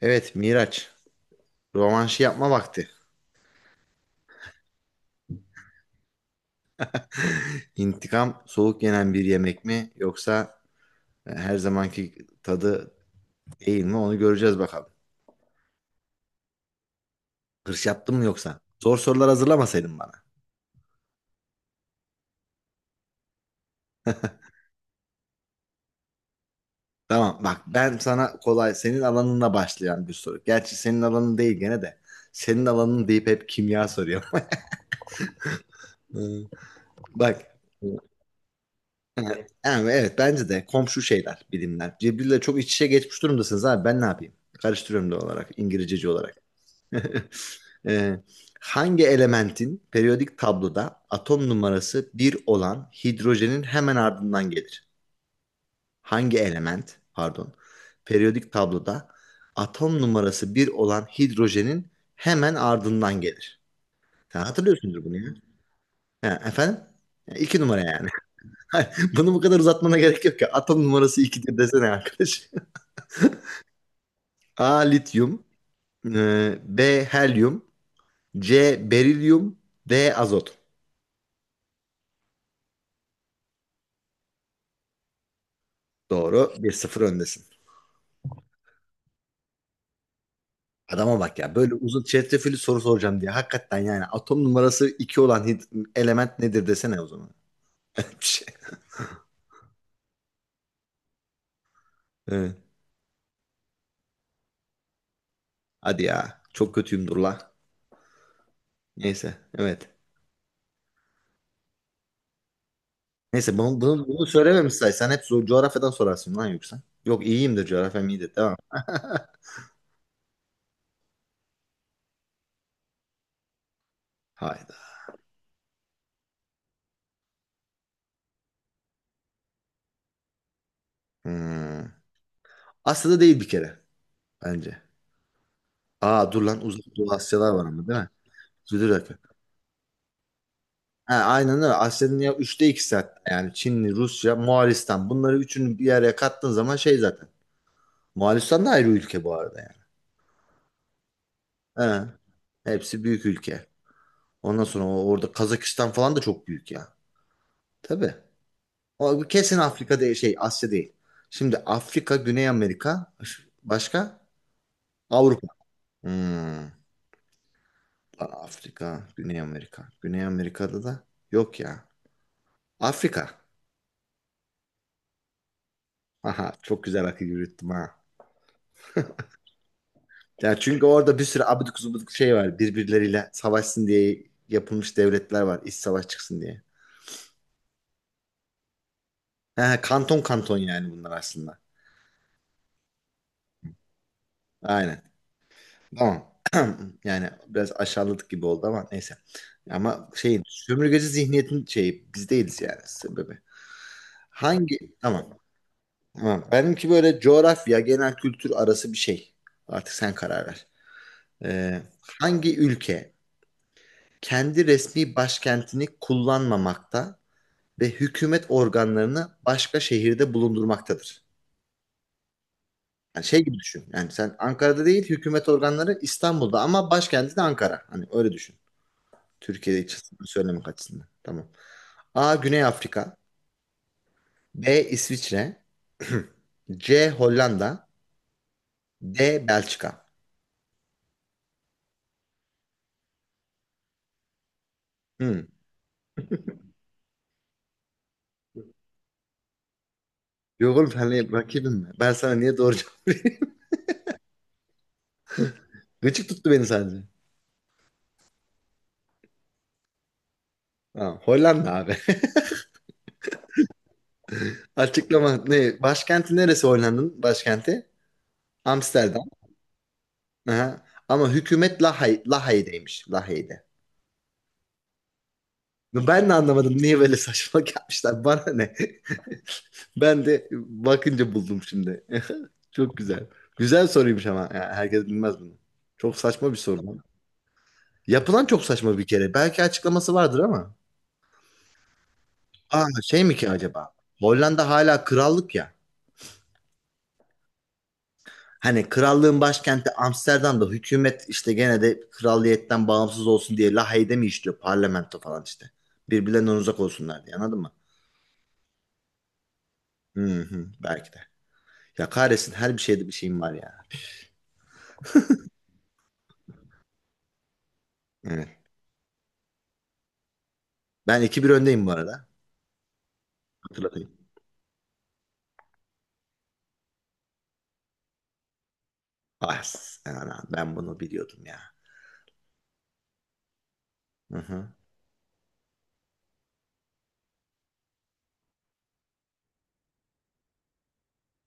Evet Miraç, rövanşı yapma vakti. İntikam soğuk yenen bir yemek mi yoksa her zamanki tadı değil mi, onu göreceğiz bakalım. Hırs yaptın mı yoksa? Zor sorular hazırlamasaydın bana. Tamam bak, ben sana kolay senin alanına başlayan bir soru. Gerçi senin alanın değil gene de. Senin alanın deyip hep kimya soruyor. Hmm. Bak. Evet, evet bence de komşu şeyler, bilimler. Cebril'le çok iç içe geçmiş durumdasınız abi, ben ne yapayım? Karıştırıyorum da olarak İngilizceci olarak. Ee, hangi elementin periyodik tabloda atom numarası bir olan hidrojenin hemen ardından gelir? Hangi element, pardon, periyodik tabloda atom numarası bir olan hidrojenin hemen ardından gelir? Sen hatırlıyorsundur bunu ya. Ha, efendim? Ya, İki numara yani. Bunu bu kadar uzatmana gerek yok ya. Atom numarası 2'dir desene arkadaş. A. Lityum, B. Helyum, C. Berilyum, D. Azot. Doğru. Bir sıfır öndesin. Adama bak ya. Böyle uzun çetrefilli soru soracağım diye. Hakikaten yani atom numarası 2 olan element nedir desene o zaman. Bir şey. Evet. Hadi ya. Çok kötüyüm dur la. Neyse. Evet. Neyse bunu söylememişsen sen hep coğrafyadan sorarsın lan yoksa. Yok iyiyimdir, coğrafyam iyidir. Tamam. Hayda. Hmm. Asya'da değil bir kere, bence. Aa dur lan, Uzak Doğu Asyalar var ama değil mi? Dur, dur, dur. Ha, aynen öyle. Asya'nın ya üçte 2'si hatta. Yani Çinli, Rusya, Moğolistan. Bunları üçünü bir araya kattığın zaman şey zaten. Moğolistan da ayrı ülke bu arada yani. Ha, hepsi büyük ülke. Ondan sonra orada Kazakistan falan da çok büyük ya. Tabii. O kesin Afrika değil, şey Asya değil. Şimdi Afrika, Güney Amerika, başka Avrupa. Hmm. Afrika, Güney Amerika. Güney Amerika'da da yok ya. Afrika. Aha çok güzel akıl yürüttüm ha. Ya çünkü orada bir sürü abidik gubidik şey var. Birbirleriyle savaşsın diye yapılmış devletler var. İç savaş çıksın diye. Ha, kanton kanton yani bunlar aslında. Aynen. Tamam. Yani biraz aşağıladık gibi oldu ama neyse. Ama şey sömürgeci zihniyetin şeyi biz değiliz yani sebebi. Hangi? Tamam. Tamam. Benimki böyle coğrafya, genel kültür arası bir şey. Artık sen karar ver. Ee, hangi ülke kendi resmi başkentini kullanmamakta ve hükümet organlarını başka şehirde bulundurmaktadır? Yani şey gibi düşün. Yani sen Ankara'da değil, hükümet organları İstanbul'da ama başkenti de Ankara. Hani öyle düşün. Türkiye'de hiç söylemek açısından. Tamam. A. Güney Afrika. B. İsviçre. C. Hollanda. D. Belçika. Hmm. Yok oğlum, senle rakibim mi? Ben sana niye doğru cevap vereyim? Gıcık tuttu beni sadece. Tamam. Hollanda abi. Açıklama ne? Başkenti neresi, Hollanda'nın başkenti? Amsterdam. Aha. Ama hükümet Lahay, Lahey'deymiş. Lahey'de. Ben de anlamadım niye böyle saçmalık yapmışlar. Bana ne? Ben de bakınca buldum şimdi. Çok güzel. Güzel soruymuş ama. Ya herkes bilmez bunu. Çok saçma bir soru lan. Yapılan çok saçma bir kere. Belki açıklaması vardır ama. Aa şey mi ki acaba? Hollanda hala krallık ya. Hani krallığın başkenti Amsterdam'da, hükümet işte gene de kralliyetten bağımsız olsun diye La mi işliyor parlamento falan işte. Birbirlerinden uzak olsunlar diye, anladın mı? Hı hı, belki de. Ya kahretsin, her bir şeyde bir şeyim var ya. Evet. Ben iki bir öndeyim bu arada. Hatırlatayım. Ah, ana, ben bunu biliyordum ya. Hı hı.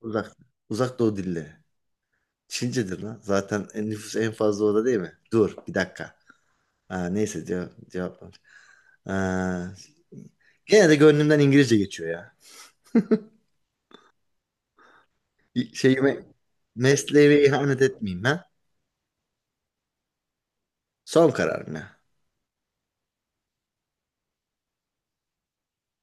Uzak, uzak doğu dilleri. Çincedir lan. Zaten nüfus en fazla orada değil mi? Dur bir dakika. Aa, neyse cevap var. Aa, gene de gönlümden İngilizce geçiyor ya. Şeyime, mesleğime ihanet etmeyeyim ben. Son kararım ya.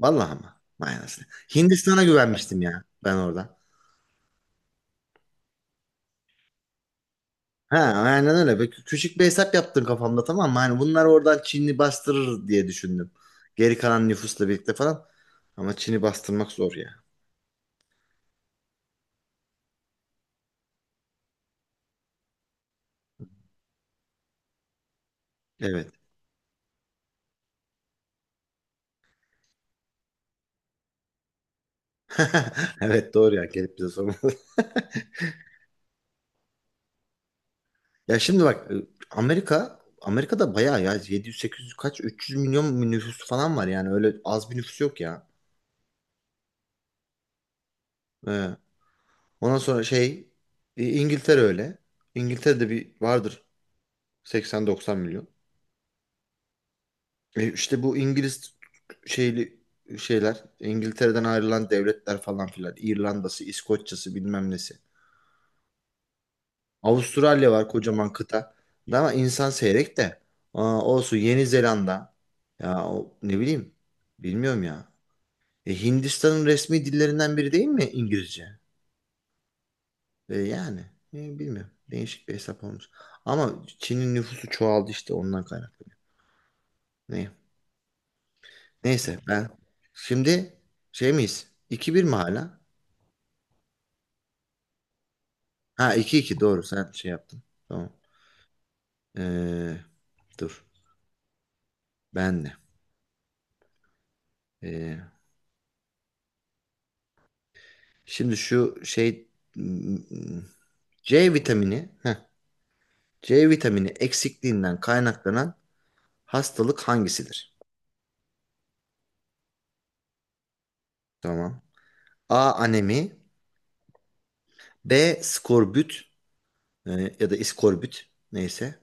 Vallahi ama. Manasını. Hindistan'a güvenmiştim ya ben orada. Ha aynen öyle. Küçük bir hesap yaptım kafamda, tamam mı? Hani bunlar oradan Çin'i bastırır diye düşündüm. Geri kalan nüfusla birlikte falan. Ama Çin'i bastırmak zor ya. Evet. Evet doğru ya, gelip bize sormalı. Ya şimdi bak Amerika'da bayağı ya 700-800 kaç 300 milyon nüfus falan var, yani öyle az bir nüfus yok ya. Ee, Ondan sonra şey, İngiltere öyle. İngiltere'de bir vardır 80-90 milyon. İşte bu İngiliz şeyli şeyler, İngiltere'den ayrılan devletler falan filan, İrlanda'sı, İskoçya'sı bilmem nesi. Avustralya var, kocaman kıta. Ama insan seyrek de. Aa, olsun, Yeni Zelanda. Ya o, ne bileyim. Bilmiyorum ya. Hindistan'ın resmi dillerinden biri değil mi İngilizce? Yani bilmiyorum. Değişik bir hesap olmuş. Ama Çin'in nüfusu çoğaldı işte ondan kaynaklı. Ne? Neyse ben şimdi şey miyiz? 2 bir mi hala? Ha iki iki, doğru, sen şey yaptın. Tamam. Ee, dur ben de. Ee, şimdi şu şey m- m- C vitamini heh, C vitamini eksikliğinden kaynaklanan hastalık hangisidir? Tamam. A. Anemi. B. Skorbut. E, ya da iskorbüt neyse.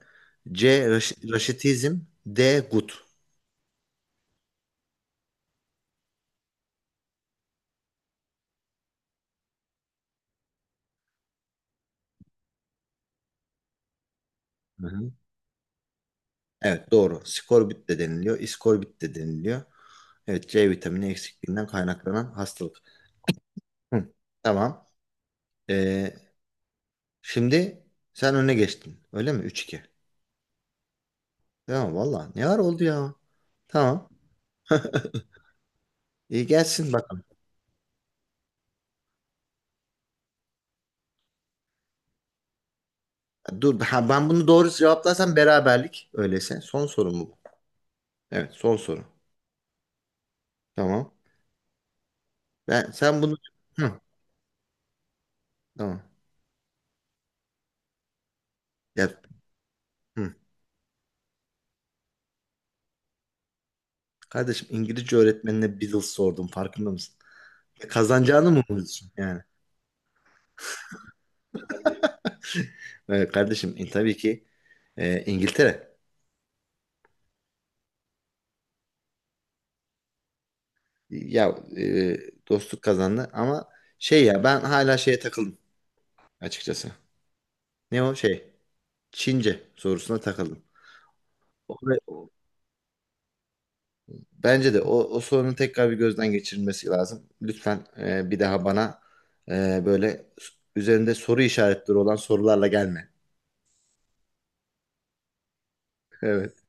C. Raşitizm. D. Gut. Hı hı. Evet doğru. Skorbut de deniliyor. İskorbut de deniliyor. Evet, C vitamini eksikliğinden kaynaklanan hastalık. Hı. Tamam. Ee, şimdi sen öne geçtin. Öyle mi? Üç iki. Tamam valla. Ne var oldu ya? Tamam. İyi gelsin bakalım. Dur ha, ben bunu doğru cevaplarsam beraberlik. Öyleyse. Son sorum bu. Evet, son soru. Tamam. Ben sen bunu. Hı, tamam. Ya, hı. Kardeşim, İngilizce öğretmenine Beatles sordum, farkında mısın? Kazanacağını mı umuyorsun yani? Kardeşim tabii ki İngiltere. Ya dostluk kazandı ama şey ya, ben hala şeye takıldım açıkçası. Ne o şey? Çince sorusuna takıldım. O, bence de o sorunun tekrar bir gözden geçirilmesi lazım. Lütfen bir daha bana böyle üzerinde soru işaretleri olan sorularla gelme. Evet.